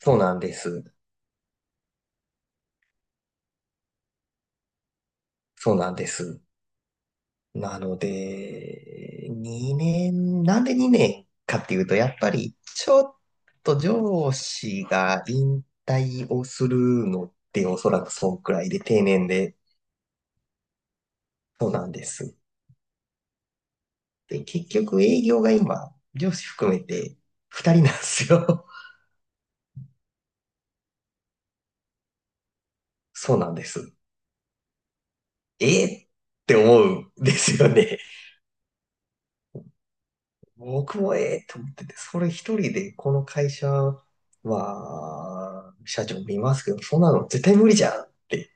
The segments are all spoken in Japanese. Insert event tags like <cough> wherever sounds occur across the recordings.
そうなんです。そうなんです。なので、2年、なんで2年かっていうと、やっぱりちょっと上司が引退をするのっておそらくそんくらいで定年で、そうなんです。で、結局営業が今、上司含めて2人なんですよ。<laughs> そうなんです。えーって思うんですよね。僕もええと思ってて、それ一人でこの会社は、社長見ますけど、そんなの絶対無理じゃんって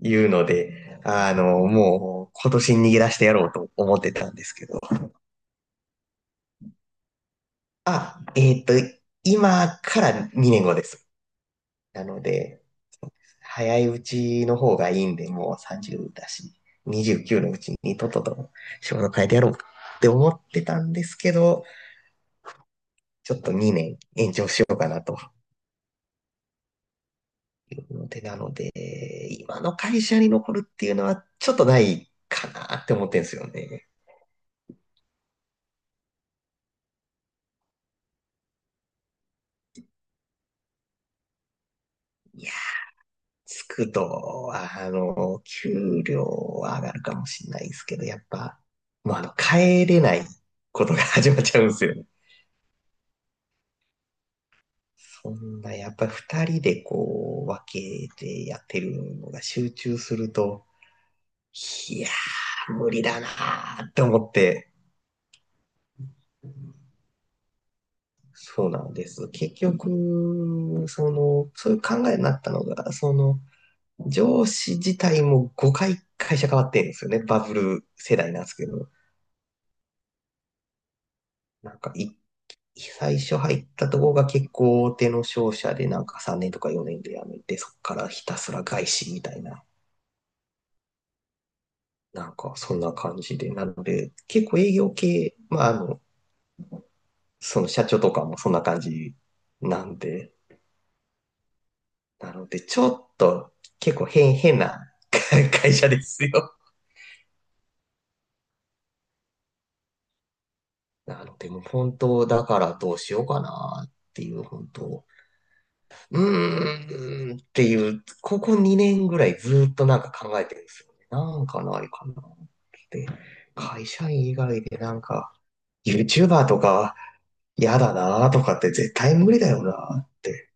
いうので、あの、もう今年逃げ出してやろうと思ってたんですけど。あ、今から2年後です。なので、早いうちの方がいいんで、もう30だし、29のうちにとっとと仕事変えてやろうって思ってたんですけど、ちょっと2年延長しようかなというので、なので、今の会社に残るっていうのはちょっとないかなって思ってんですよね。いや、つくとは、あの、給料は上がるかもしれないですけど、やっぱ、もうあの、帰れないことが始まっちゃうんですよね。そんな、やっぱり二人でこう、分けてやってるのが集中すると、いやー、無理だなーって思って、そうなんです。結局、その、そういう考えになったのが、その、上司自体も5回会社変わってるんですよね。バブル世代なんですけど。なんかい、最初入ったとこが結構大手の商社で、なんか3年とか4年で辞めて、そこからひたすら外資みたいな、なんかそんな感じで。なので、結構営業系、まあ、あの、その社長とかもそんな感じなんで、なので、ちょっと結構変な <laughs> 会社ですよ。なので、もう本当だからどうしようかなっていう、本当、うーんっていう、ここ2年ぐらいずっとなんか考えてるんですよね。なんかないかなって。会社員以外でなんか、YouTuber とか嫌だなとかって絶対無理だよなって。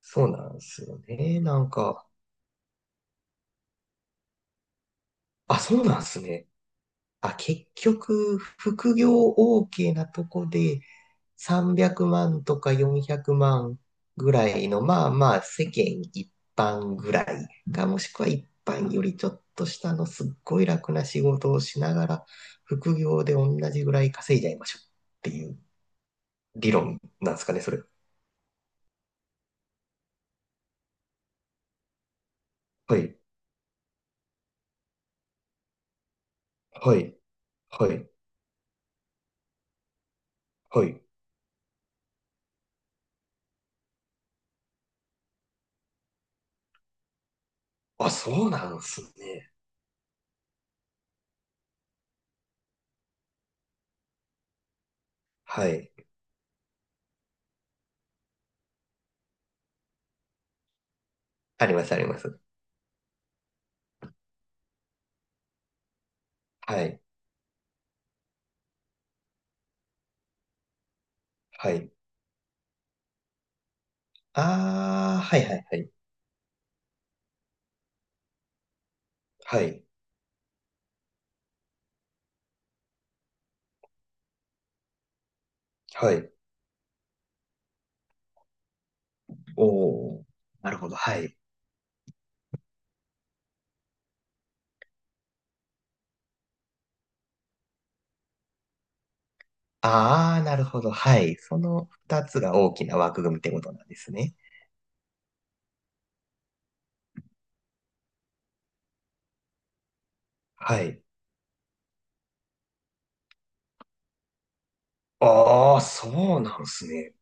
そうなんですよね。なんか、あ、そうなんですね。あ、結局、副業 OK なとこで300万とか400万ぐらいの、まあまあ世間一般ぐらいか、もしくは一般よりちょっと下のすっごい楽な仕事をしながら、副業で同じぐらい稼いじゃいましょうっていう理論なんですかね、それ。はい、はい、はい、はい。あ、そうなんすね。はい。あります、あります。はい、はい。ああ、はい、はい、はい。はい。はい。おー。なるほど。はい。ああ、なるほど。はい。その二つが大きな枠組みってことなんですね。はい。ああ、そうなんですね。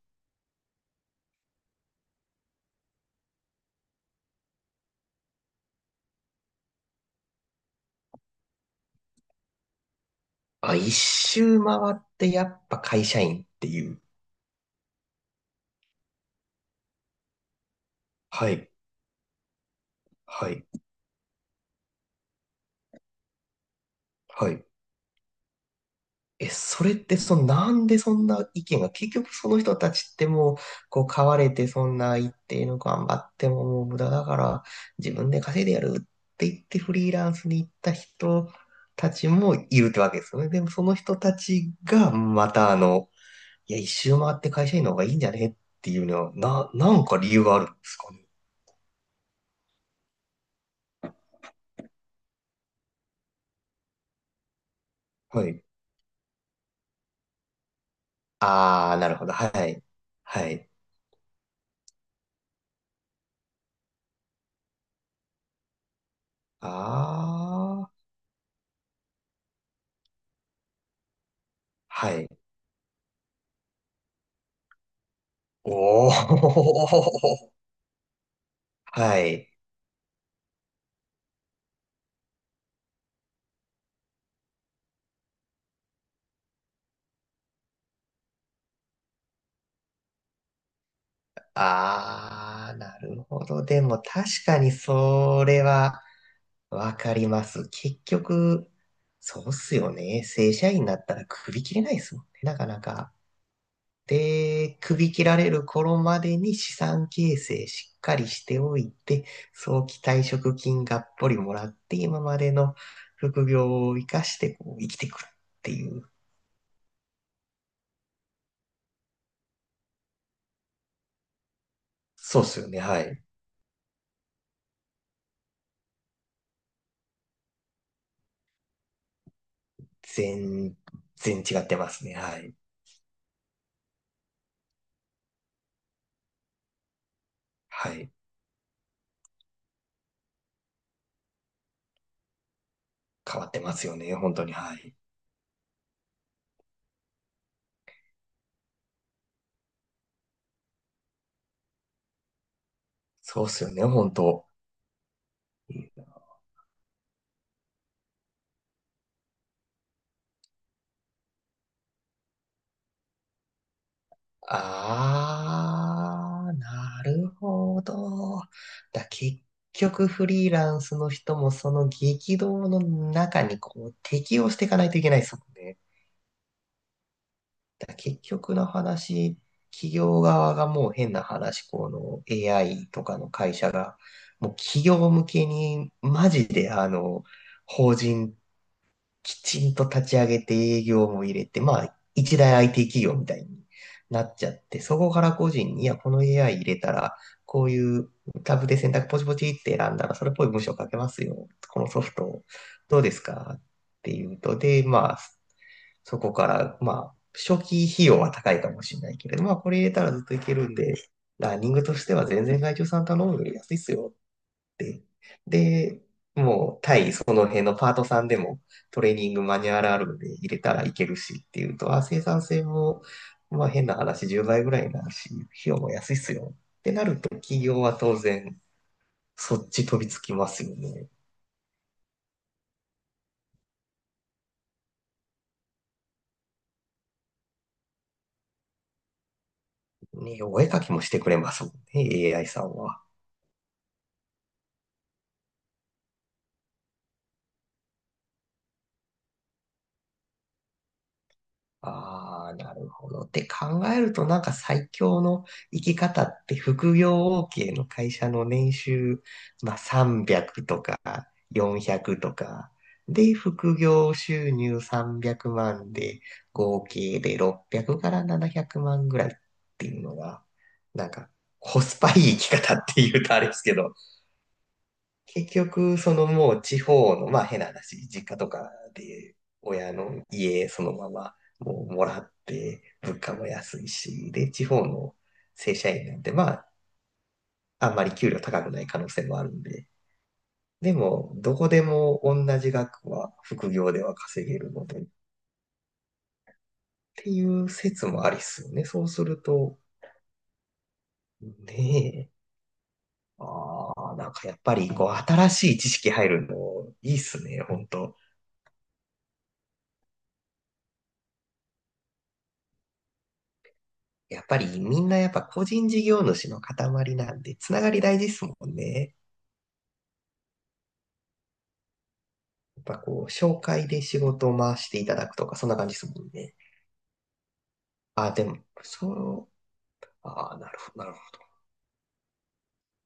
あ、一周回ってやっぱ会社員っていう。はい。はい。はい。え、それってそのなんでそんな意見が、結局その人たちってもう、こう、買われてそんな一定の頑張ってももう無駄だから、自分で稼いでやるって言ってフリーランスに行った人たちもいるってわけですよね。でもその人たちがまたあの、いや、一周回って会社員の方がいいんじゃねっていうのは、なんか理由があるんですかね。はい。あー、なるほど。はい。はい。あー、はい。おー、<laughs> はい。ああ、なるほど。でも確かにそれはわかります。結局、そうっすよね。正社員になったら首切れないですもんね。なかなか。で、首切られる頃までに資産形成しっかりしておいて、早期退職金がっぽりもらって、今までの副業を生かしてこう生きてくるっていう。そうっすよね。はい。全全然違ってますね。はい。はい。変わってますよね、本当に。はい。そうっすよね、本当。あー、なるほど。だ、結局フリーランスの人もその激動の中にこう適応していかないといけないですもんね。だ、結局の話、企業側がもう変な話、この AI とかの会社が、もう企業向けにマジであの、法人きちんと立ち上げて営業も入れて、まあ、一大 IT 企業みたいになっちゃって、そこから個人に、いや、この AI 入れたら、こういうタブで選択ポチポチって選んだら、それっぽい文章書けますよ。このソフト、どうですかっていうと、で、まあ、そこから、まあ、初期費用は高いかもしれないけれど、まあ、これ入れたらずっといけるんで、ラーニングとしては全然外注さん頼むより安いっすよて。で、もう対その辺のパートさんでもトレーニングマニュアルあるので入れたらいけるしっていうと、あ、生産性も、まあ変な話10倍ぐらいになるし、費用も安いっすよってなると企業は当然そっち飛びつきますよね。ね、お絵かきもしてくれますもんね、AI さんは。ああ、なるほど。って考えると、なんか最強の生き方って副業 OK の会社の年収、まあ、300とか400とか、で、副業収入300万で、合計で600から700万ぐらいっていうのが、なんかコスパいい生き方っていうとあれですけど、結局、そのもう地方の、まあ変な話、実家とかで親の家そのままもうもらって、物価も安いし、で、地方の正社員なんて、まあ、あんまり給料高くない可能性もあるんで、でも、どこでも同じ額は副業では稼げるので、っていう説もありっすよね。そうすると、ねえ、ああ、なんかやっぱりこう新しい知識入るのいいっすね、本当やっぱりみんなやっぱ個人事業主の塊なんで、つながり大事ですもんね。やっぱこう、紹介で仕事を回していただくとか、そんな感じですもんね。あ、でも、そう、あ、なるほど、なる